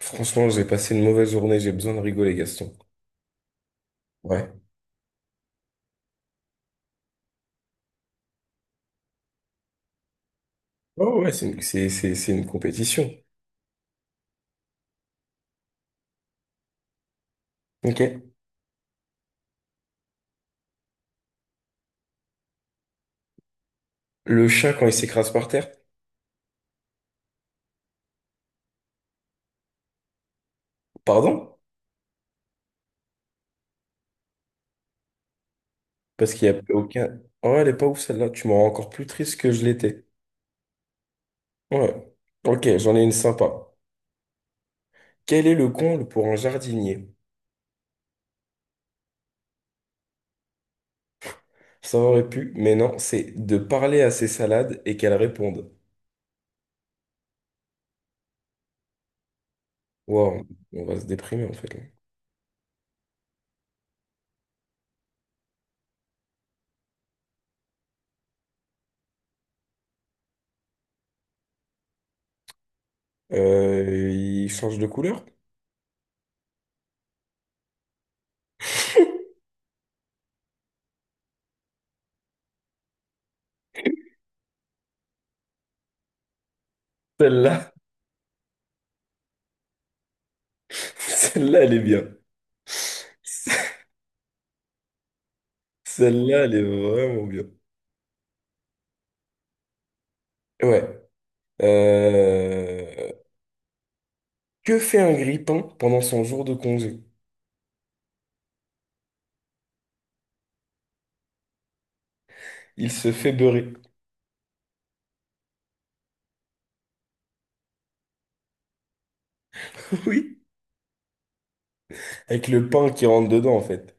Franchement, j'ai passé une mauvaise journée, j'ai besoin de rigoler, Gaston. Ouais. Oh ouais, c'est une compétition. Ok. Le chat, quand il s'écrase par terre, pardon? Parce qu'il n'y a aucun... Oh, elle est pas ouf celle-là, tu m'en rends encore plus triste que je l'étais. Ouais. Ok, j'en ai une sympa. Quel est le comble pour un jardinier? Ça aurait pu, mais non, c'est de parler à ses salades et qu'elles répondent. Wow, on va se déprimer en fait. Là. Il change de couleur? Celle-là, celle-là, elle est bien. Celle-là, elle est vraiment bien. Ouais. Euh, Que fait un grille-pain pendant son jour de congé? Il se fait beurrer. Oui. Avec le pain qui rentre dedans, en fait.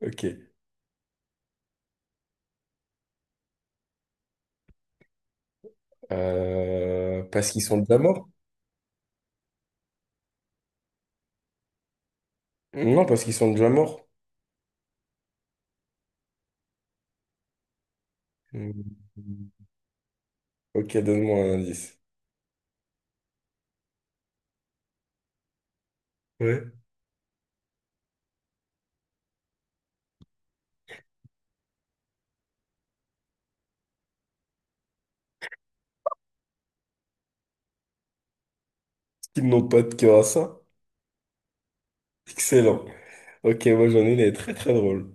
Ok. Parce qu'ils sont déjà morts? Non, parce qu'ils sont déjà morts. Hmm. Ok, donne-moi un indice. Ouais. Qu'ils n'ont pas de cœur à ça? Excellent. Ok, moi j'en ai une, elle est très très drôle.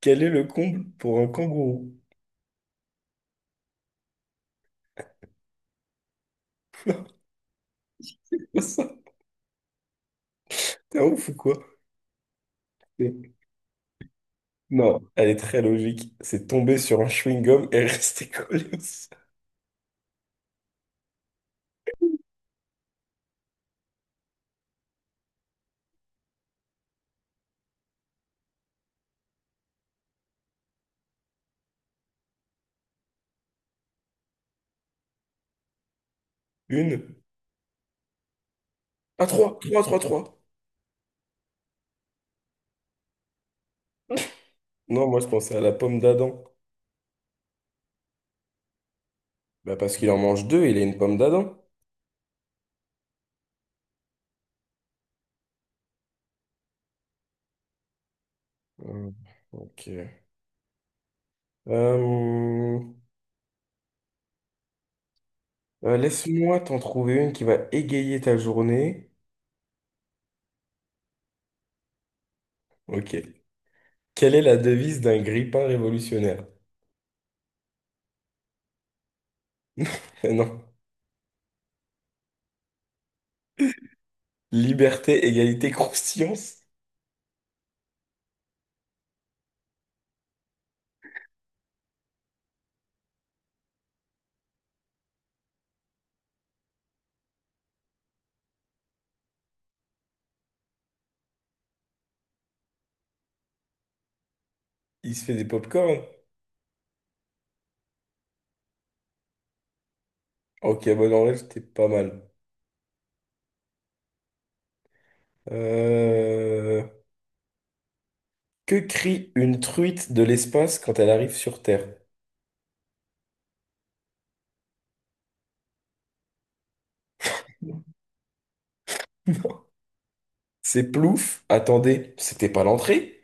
Quel est le comble pour un kangourou? Ça, t'es un ouf ou quoi? Non, elle est très logique. C'est tomber sur un chewing-gum et rester collé au sol. Une. Ah, trois, trois, trois, trois. Non, moi je pensais à la pomme d'Adam. Bah parce qu'il en mange deux, il a une pomme d'Adam. Hum, ok. Laisse-moi t'en trouver une qui va égayer ta journée. Ok. Quelle est la devise d'un grippin révolutionnaire? Non. Liberté, égalité, croustillance. Il se fait des pop-corn. Ok, bon, en vrai, c'était pas mal. Euh, Que crie une truite de l'espace quand elle arrive sur Terre? Non. C'est plouf. Attendez, c'était pas l'entrée?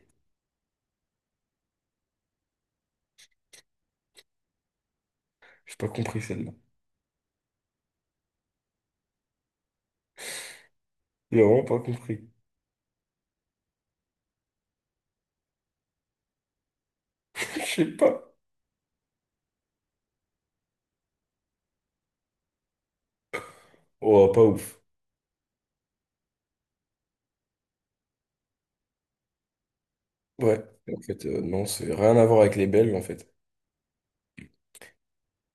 J'ai pas compris celle-là. J'ai vraiment pas compris. Je sais pas. Oh, pas ouf. Ouais. En fait, non, c'est rien à voir avec les Belges, en fait.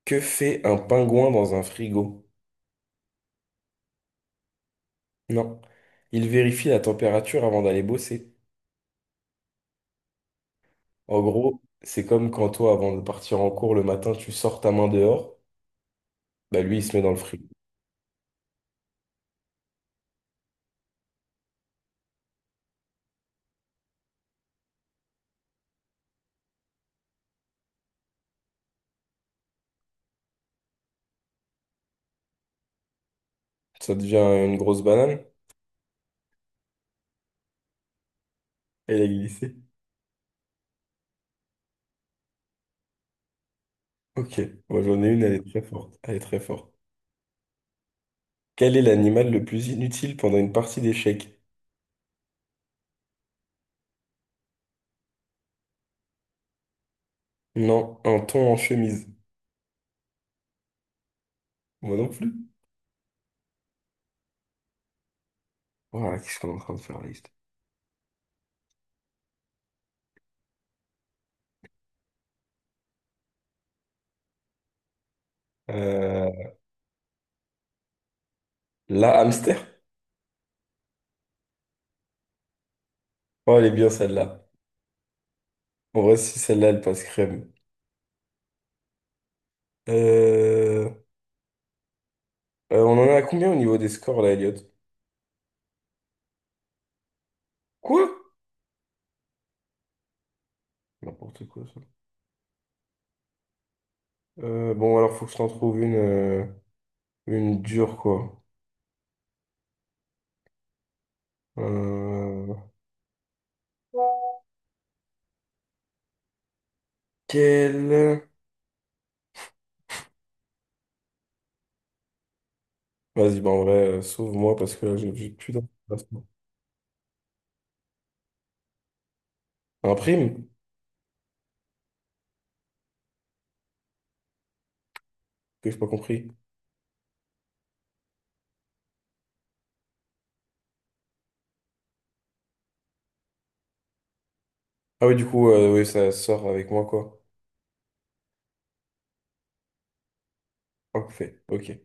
Que fait un pingouin dans un frigo? Non. Il vérifie la température avant d'aller bosser. En gros, c'est comme quand toi, avant de partir en cours le matin, tu sors ta main dehors. Bah lui, il se met dans le frigo. Ça devient une grosse banane. Elle a glissé. Ok, moi j'en ai une, elle est très forte. Elle est très forte. Quel est l'animal le plus inutile pendant une partie d'échecs? Non, un thon en chemise. Moi non plus. Voilà, qu'est-ce qu'on est en train de faire la liste? Euh, la hamster? Oh, elle est bien celle-là. En vrai, si celle-là, elle passe crème. Euh, on en est à combien au niveau des scores là, Elliot? Quoi? N'importe quoi ça. Bon, alors faut que je t'en trouve une dure quoi. Euh, quelle? Vas-y, bah en vrai, sauve-moi parce que là, j'ai plus d'informations. Un prime? Que j'ai pas compris. Ah oui, du coup, oui, ça sort avec moi, quoi. Parfait, ok.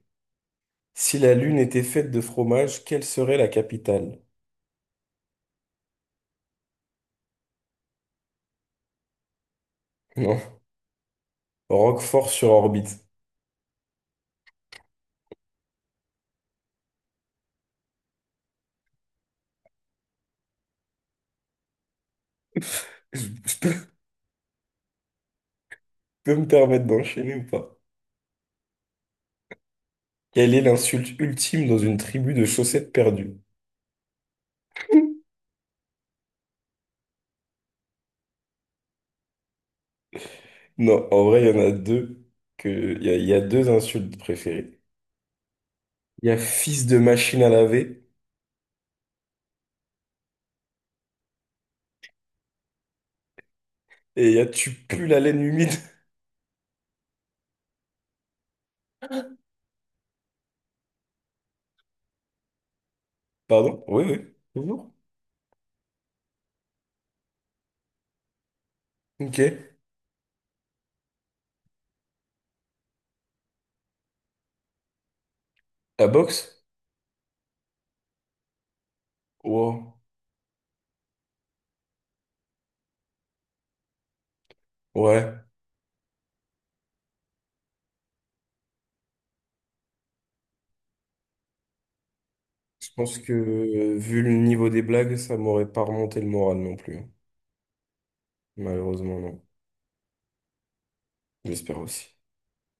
Si la Lune était faite de fromage, quelle serait la capitale? Non. Roquefort-sur-Orbite. Je peux me permettre d'enchaîner ou pas? Quelle est l'insulte ultime dans une tribu de chaussettes perdues? Non, en vrai, que il y a deux insultes préférées. Il y a fils de machine à laver et il y a tu pues la laine humide. Pardon? Oui, oui. Toujours. Ok. La boxe? Wow. Ouais, je pense que vu le niveau des blagues, ça m'aurait pas remonté le moral non plus, hein. Malheureusement, non. J'espère aussi.